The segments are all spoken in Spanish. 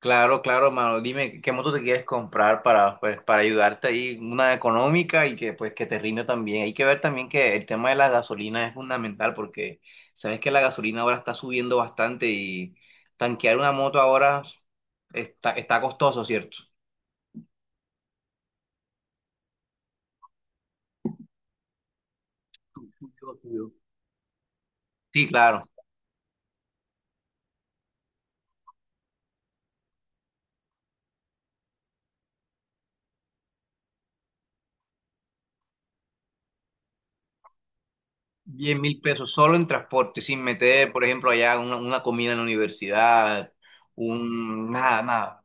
Claro, claro, mano. Dime qué moto te quieres comprar para, pues, para ayudarte ahí, una económica y que pues que te rinde también. Hay que ver también que el tema de la gasolina es fundamental porque sabes que la gasolina ahora está subiendo bastante y tanquear una moto ahora está costoso, ¿cierto? Yo, tío. Sí, claro. 10 mil pesos solo en transporte, sin meter, por ejemplo, allá una comida en la universidad, un nada, nada.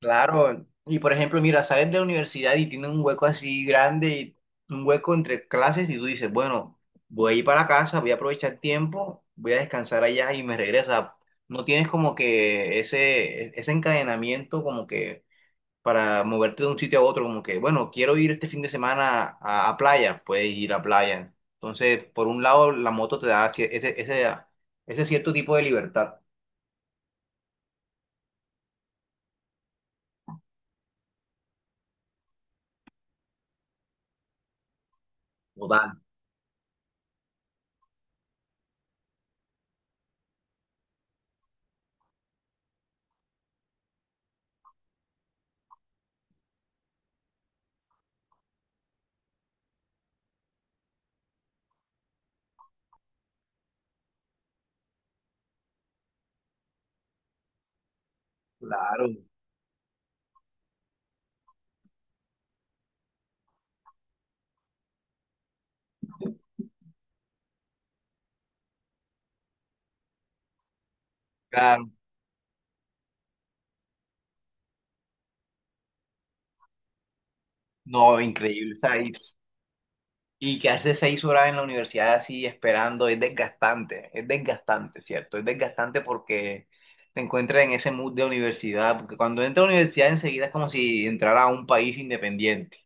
Claro, y por ejemplo, mira, sales de la universidad y tienes un hueco así grande, un hueco entre clases, y tú dices, bueno, voy a ir para la casa, voy a aprovechar el tiempo, voy a descansar allá y me regresa. No tienes como que ese encadenamiento como que para moverte de un sitio a otro, como que, bueno, quiero ir este fin de semana a playa, puedes ir a playa. Entonces, por un lado, la moto te da ese, ah, ese cierto tipo de libertad. Total, claro. Claro, no, increíble. O sea, y quedarse seis horas en la universidad así esperando es desgastante, ¿cierto? Es desgastante porque te encuentras en ese mood de universidad, porque cuando entras a la universidad enseguida es como si entrara a un país independiente.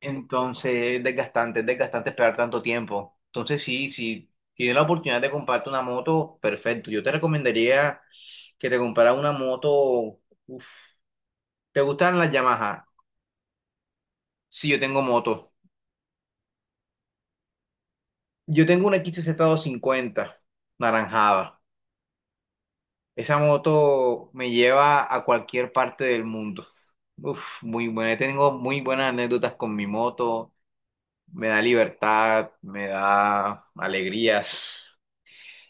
Entonces es desgastante esperar tanto tiempo. Entonces sí, si tienes la oportunidad de comprarte una moto, perfecto. Yo te recomendaría que te compraras una moto. Uf. ¿Te gustan las Yamaha? Sí, yo tengo moto. Yo tengo una X XZ cincuenta naranjada. Esa moto me lleva a cualquier parte del mundo. Uf, muy buena. Tengo muy buenas anécdotas con mi moto. Me da libertad, me da alegrías.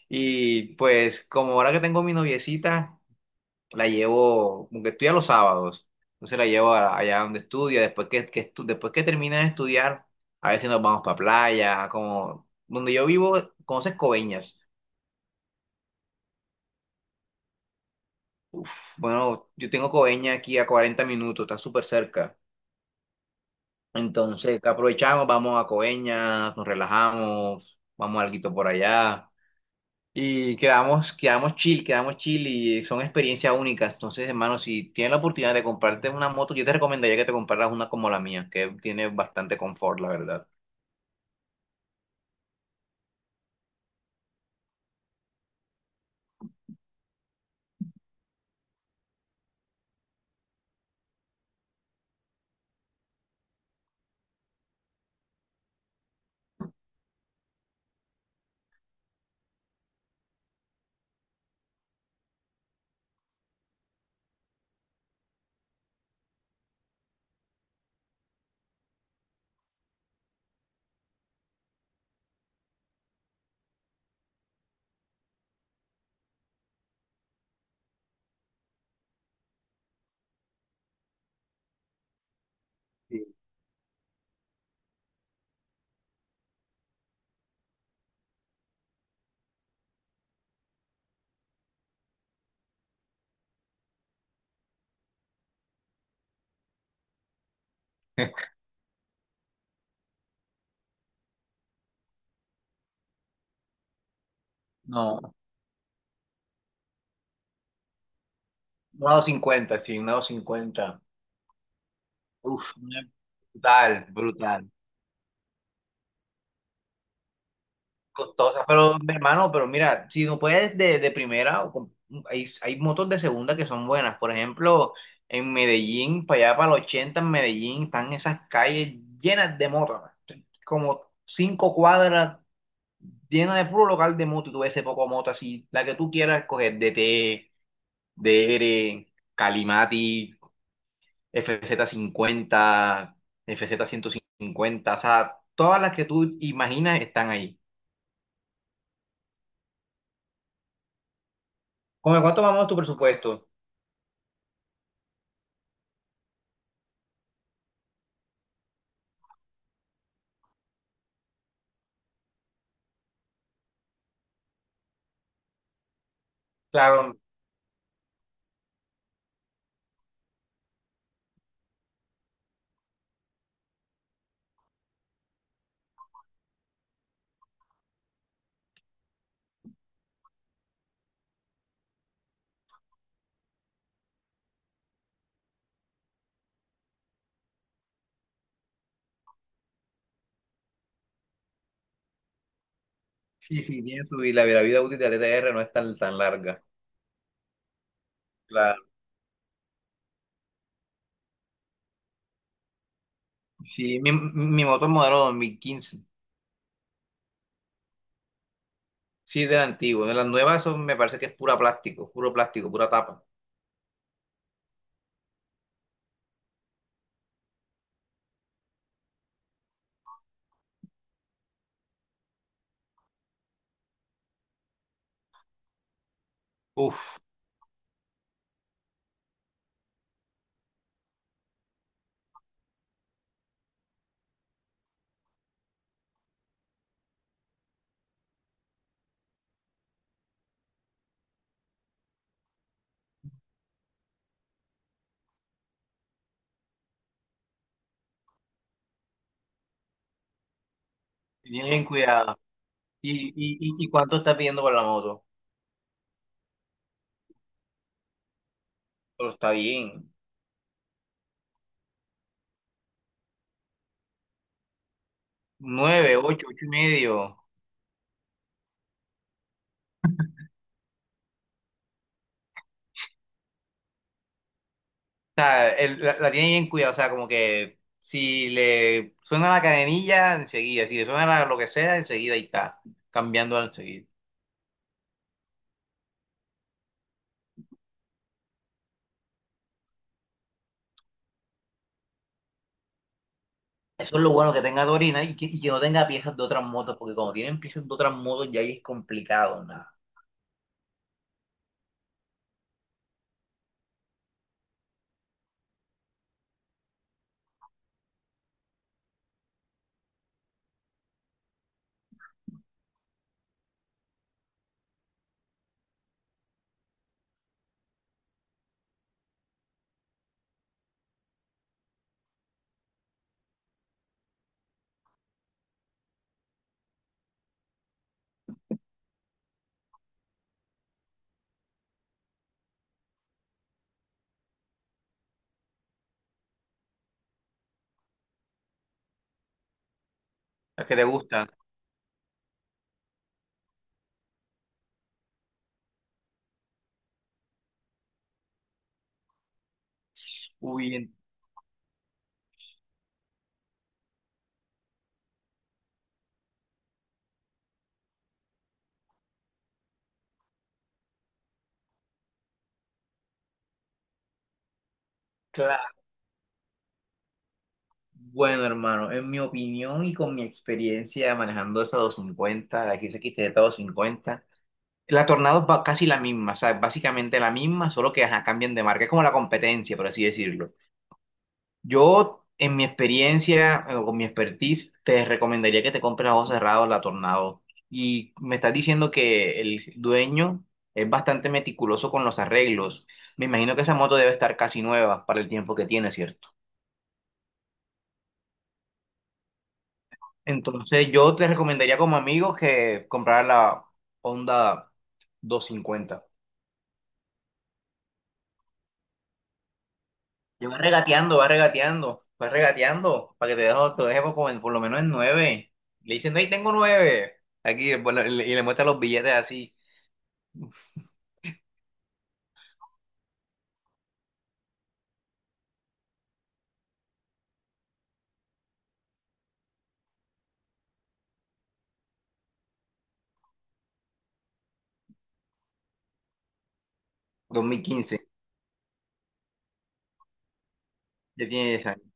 Y pues como ahora que tengo mi noviecita, la llevo, aunque estudia los sábados, entonces allá donde estudia. Después que termina de estudiar, a veces nos vamos para playa, como donde yo vivo, conoces Coveñas. Bueno, yo tengo Coveñas aquí a 40 minutos, está súper cerca. Entonces, ¿qué aprovechamos? Vamos a Coveñas, nos relajamos, vamos a alguito por allá y quedamos chill y son experiencias únicas. Entonces, hermano, si tienes la oportunidad de comprarte una moto, yo te recomendaría que te compraras una como la mía, que tiene bastante confort, la verdad. Sí. No, una 250, sí, una doscientos cincuenta. Uf, una- brutal, brutal. Costosa, pero mi hermano, pero mira, si no puedes de primera, o con- hay motos de segunda que son buenas. Por ejemplo, en Medellín, para allá para el 80 en Medellín, están esas calles llenas de motos, ¿no? Como cinco cuadras llenas de puro local de moto. Y tú ves ese poco moto así, la que tú quieras coger, DT, DR, Calimati, FZ50, FZ150, o sea, todas las que tú imaginas están ahí. ¿Con cuánto vamos tu presupuesto? Claro, sí, sí, tiene su vida, la vida útil de la TTR no es tan, tan larga. Claro. Sí, mi moto es modelo 2015. Sí, de la antigua. De las nuevas son- me parece que es pura plástico, puro plástico, pura tapa. Uf, bien, bien cuidado. ¿Y cuánto está pidiendo por la moto? Pero está bien. Nueve, ocho, ocho y medio. O sea, la tiene bien cuidada. O sea, como que si le suena la cadenilla, enseguida. Si le suena la- lo que sea, enseguida ahí está. Cambiando enseguida. Eso es lo bueno que tenga Torina y que no tenga piezas de otras motos, porque cuando tienen piezas de otras motos ya ahí es complicado, nada. Las que te gustan. Uy, en- claro. Bueno, hermano, en mi opinión y con mi experiencia manejando esa 250, la X X T Z 250 la Tornado es ba- casi la misma, o sea, es básicamente la misma, solo que ajá, cambian de marca. Es como la competencia, por así decirlo. Yo, en mi experiencia o con mi expertise, te recomendaría que te compres a ojos cerrados la Tornado. Y me estás diciendo que el dueño es bastante meticuloso con los arreglos. Me imagino que esa moto debe estar casi nueva para el tiempo que tiene, ¿cierto? Entonces, yo te recomendaría como amigo que comprar la Honda 250. Y va regateando, va regateando, va regateando, para que te dejo, te deje por, como en- por lo menos en nueve. Le dicen, no, ahí tengo nueve. Aquí, y le muestra los billetes así, 2015, ya tiene 10 años.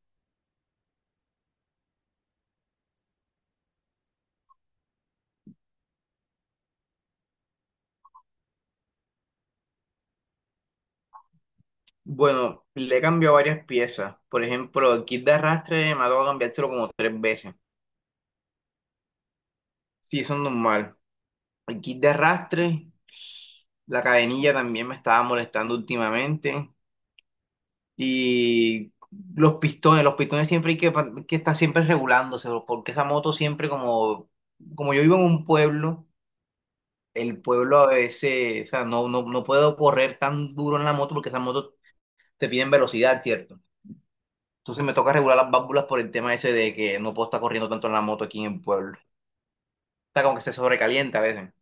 Bueno, le he cambiado varias piezas. Por ejemplo, el kit de arrastre me ha tocado cambiárselo como tres veces. Sí, eso es normal. El kit de arrastre, la cadenilla también me estaba molestando últimamente. Y los pistones siempre hay que, pa- que estar siempre regulándose, bro, porque esa moto siempre como, como yo vivo en un pueblo, el pueblo a veces, o sea, no, no, no puedo correr tan duro en la moto porque esas motos te piden velocidad, ¿cierto? Entonces me toca regular las válvulas por el tema ese de que no puedo estar corriendo tanto en la moto aquí en el pueblo. Está como que se sobrecalienta a veces.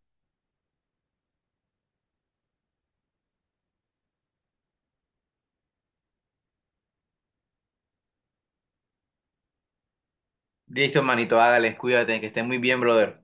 Listo, hermanito, hágale, cuídate, que estés muy bien, brother.